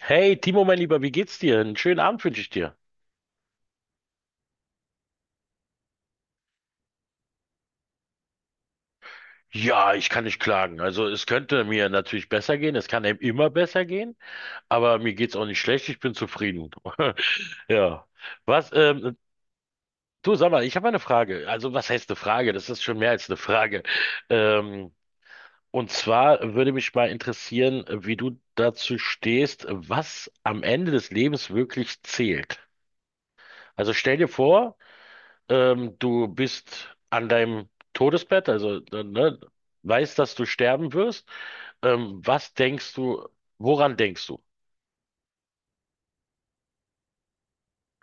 Hey, Timo, mein Lieber, wie geht's dir? Einen schönen Abend wünsche ich dir. Ja, ich kann nicht klagen. Also es könnte mir natürlich besser gehen, es kann einem immer besser gehen, aber mir geht's auch nicht schlecht, ich bin zufrieden. Ja. Was, ähm, Du sag mal, ich habe eine Frage. Also was heißt eine Frage? Das ist schon mehr als eine Frage. Ähm, und zwar würde mich mal interessieren, wie du dazu stehst, was am Ende des Lebens wirklich zählt. Also stell dir vor, du bist an deinem Todesbett, also ne, weißt, dass du sterben wirst. Was denkst du, woran denkst du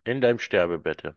in deinem Sterbebett? Ja?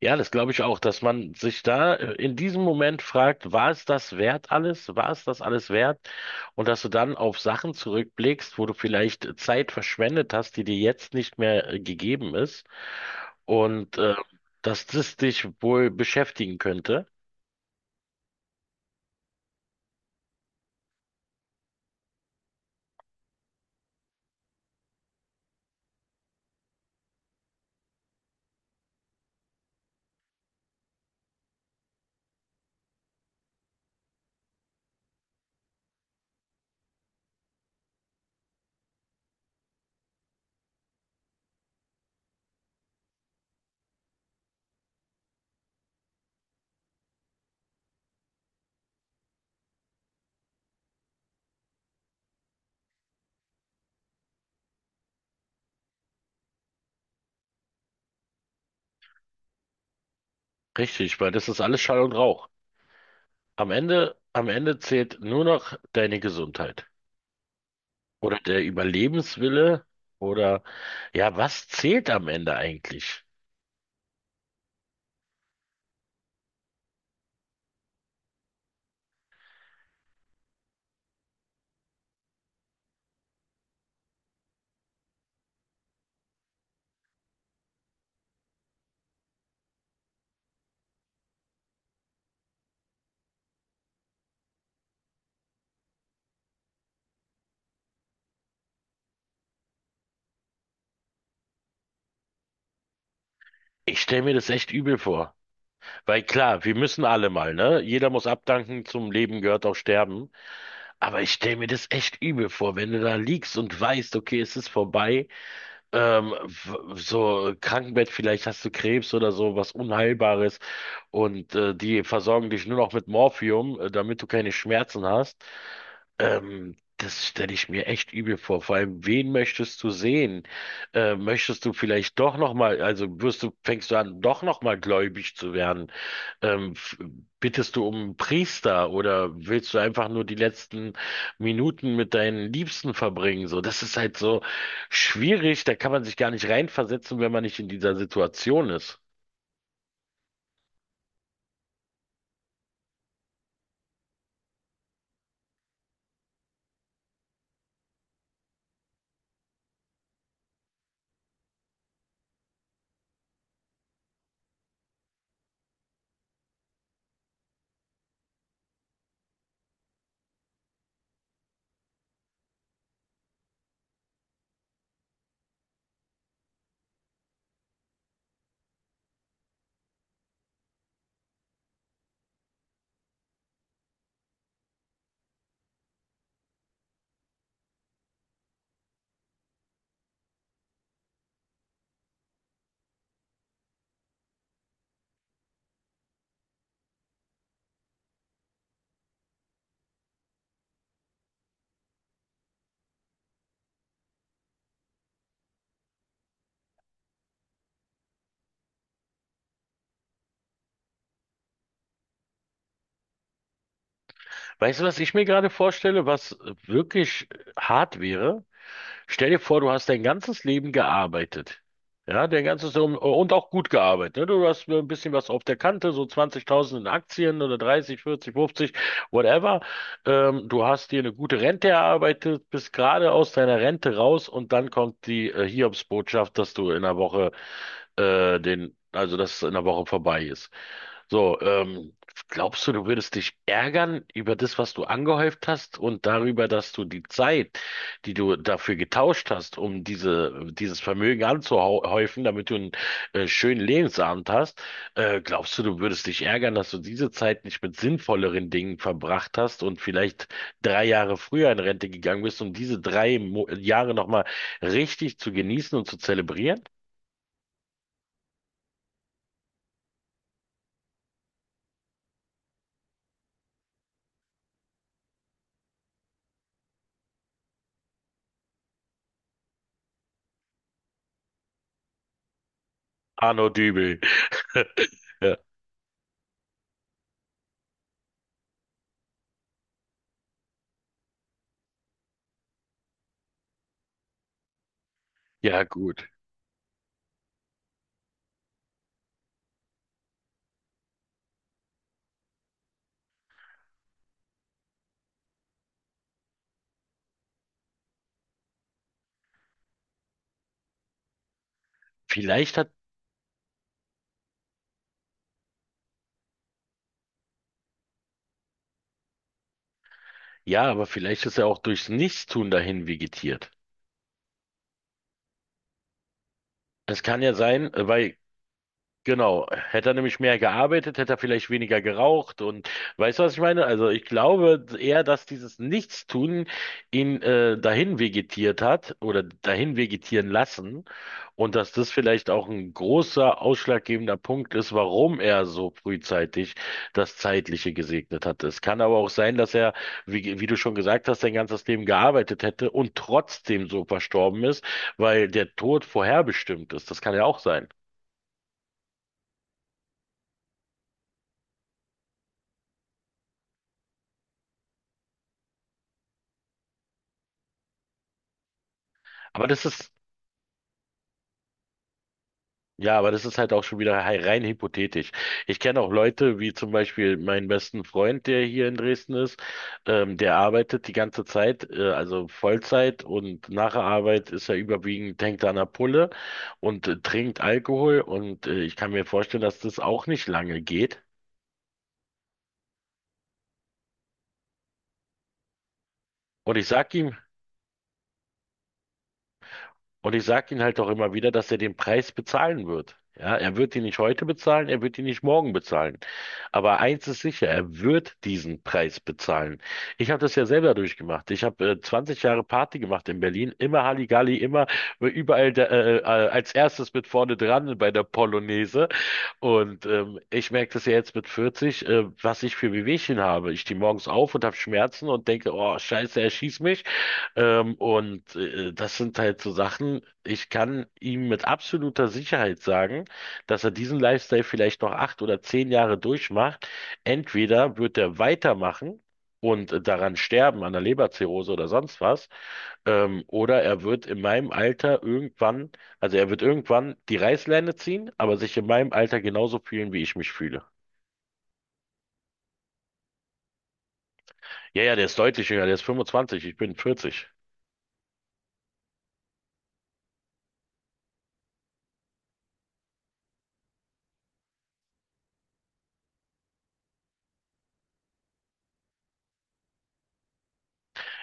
Ja, das glaube ich auch, dass man sich da in diesem Moment fragt, war es das wert alles? War es das alles wert? Und dass du dann auf Sachen zurückblickst, wo du vielleicht Zeit verschwendet hast, die dir jetzt nicht mehr gegeben ist. Und äh, Dass das dich wohl beschäftigen könnte. Richtig, weil das ist alles Schall und Rauch. Am Ende zählt nur noch deine Gesundheit oder der Überlebenswille oder ja, was zählt am Ende eigentlich? Ich stelle mir das echt übel vor, weil klar, wir müssen alle mal, ne? Jeder muss abdanken, zum Leben gehört auch Sterben, aber ich stelle mir das echt übel vor, wenn du da liegst und weißt, okay, es ist vorbei, so Krankenbett, vielleicht hast du Krebs oder so, was Unheilbares und die versorgen dich nur noch mit Morphium, damit du keine Schmerzen hast. Das stelle ich mir echt übel vor. Vor allem, wen möchtest du sehen? Möchtest du vielleicht doch noch mal, also wirst du, fängst du an, doch noch mal gläubig zu werden? Ähm, f- Bittest du um einen Priester oder willst du einfach nur die letzten Minuten mit deinen Liebsten verbringen? So, das ist halt so schwierig. Da kann man sich gar nicht reinversetzen, wenn man nicht in dieser Situation ist. Weißt du, was ich mir gerade vorstelle, was wirklich hart wäre? Stell dir vor, du hast dein ganzes Leben gearbeitet. Ja, dein ganzes Leben und auch gut gearbeitet. Ne? Du hast ein bisschen was auf der Kante, so 20.000 in Aktien oder 30, 40, 50, whatever. Du hast dir eine gute Rente erarbeitet, bist gerade aus deiner Rente raus und dann kommt die Hiobsbotschaft, dass du in einer Woche also dass es in einer Woche vorbei ist. So, glaubst du, du würdest dich ärgern über das, was du angehäuft hast und darüber, dass du die Zeit, die du dafür getauscht hast, um dieses Vermögen anzuhäufen, damit du einen schönen Lebensabend hast, glaubst du, du würdest dich ärgern, dass du diese Zeit nicht mit sinnvolleren Dingen verbracht hast und vielleicht 3 Jahre früher in Rente gegangen bist, um diese drei Mo Jahre nochmal richtig zu genießen und zu zelebrieren? Arno Dübel. Ja, ja, gut. Vielleicht hat. Ja, aber vielleicht ist er auch durchs Nichtstun dahin vegetiert. Es kann ja sein, weil Genau, hätte er nämlich mehr gearbeitet, hätte er vielleicht weniger geraucht und weißt du, was ich meine? Also ich glaube eher, dass dieses Nichtstun ihn dahin vegetiert hat oder dahin vegetieren lassen und dass das vielleicht auch ein großer ausschlaggebender Punkt ist, warum er so frühzeitig das Zeitliche gesegnet hat. Es kann aber auch sein, dass er, wie du schon gesagt hast, sein ganzes Leben gearbeitet hätte und trotzdem so verstorben ist, weil der Tod vorherbestimmt ist. Das kann ja auch sein. Aber das ist Ja, aber das ist halt auch schon wieder rein hypothetisch. Ich kenne auch Leute, wie zum Beispiel meinen besten Freund, der hier in Dresden ist, der arbeitet die ganze Zeit, also Vollzeit und nach der Arbeit ist er überwiegend, hängt er an der Pulle und trinkt Alkohol und ich kann mir vorstellen, dass das auch nicht lange geht. Und ich sag ihm, Und ich sage ihm halt auch immer wieder, dass er den Preis bezahlen wird. Ja, er wird ihn nicht heute bezahlen, er wird ihn nicht morgen bezahlen. Aber eins ist sicher, er wird diesen Preis bezahlen. Ich habe das ja selber durchgemacht. Ich habe 20 Jahre Party gemacht in Berlin, immer Halligalli, immer als erstes mit vorne dran bei der Polonaise. Und ich merke das ja jetzt mit 40, was ich für Wehwehchen habe. Ich stehe morgens auf und habe Schmerzen und denke, oh Scheiße, er schießt mich. Das sind halt so Sachen, ich kann ihm mit absoluter Sicherheit sagen, dass er diesen Lifestyle vielleicht noch 8 oder 10 Jahre durchmacht. Entweder wird er weitermachen und daran sterben, an der Leberzirrhose oder sonst was, oder er wird in meinem Alter irgendwann, also er wird irgendwann die Reißleine ziehen, aber sich in meinem Alter genauso fühlen, wie ich mich fühle. Ja, ja, der ist deutlich jünger, der ist 25, ich bin 40.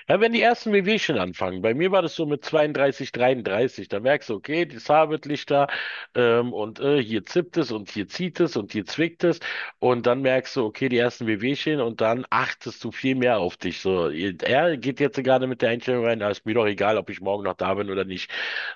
Ja, wenn die ersten Wehwehchen anfangen, bei mir war das so mit 32, 33, da merkst du, okay, das Haar wird lichter, hier zippt es und hier zieht es und hier zwickt es und dann merkst du, okay, die ersten Wehwehchen und dann achtest du viel mehr auf dich. So, er geht jetzt gerade mit der Einstellung rein, da ist mir doch egal, ob ich morgen noch da bin oder nicht.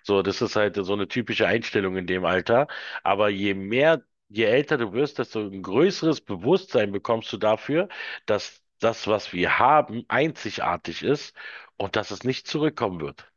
So, das ist halt so eine typische Einstellung in dem Alter, aber je älter du wirst, desto ein größeres Bewusstsein bekommst du dafür, dass das, was wir haben, einzigartig ist und dass es nicht zurückkommen wird.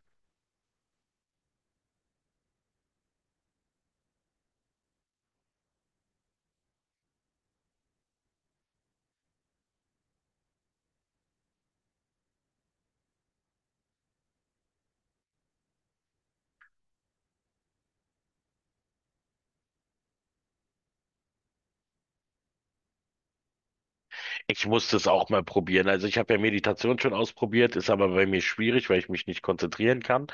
Ich musste es auch mal probieren. Also ich habe ja Meditation schon ausprobiert, ist aber bei mir schwierig, weil ich mich nicht konzentrieren kann.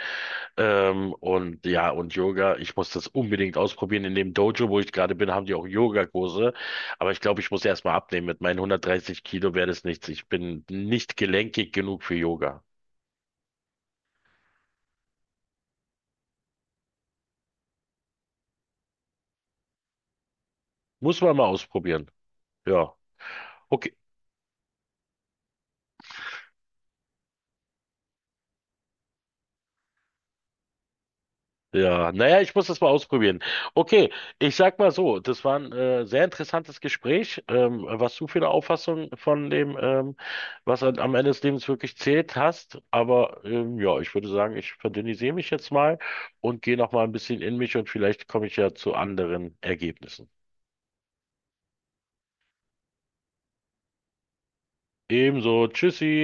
Und ja, und Yoga, ich muss das unbedingt ausprobieren. In dem Dojo, wo ich gerade bin, haben die auch Yogakurse. Aber ich glaube, ich muss erst mal abnehmen. Mit meinen 130 Kilo wäre das nichts. Ich bin nicht gelenkig genug für Yoga. Muss man mal ausprobieren. Ja. Okay. Ja, naja, ich muss das mal ausprobieren. Okay, ich sag mal so, das war ein sehr interessantes Gespräch, was du für eine Auffassung von dem was halt am Ende des Lebens wirklich zählt hast. Aber ja, ich würde sagen, ich verdünnisiere mich jetzt mal und gehe noch mal ein bisschen in mich und vielleicht komme ich ja zu anderen Ergebnissen. Ebenso, tschüssi.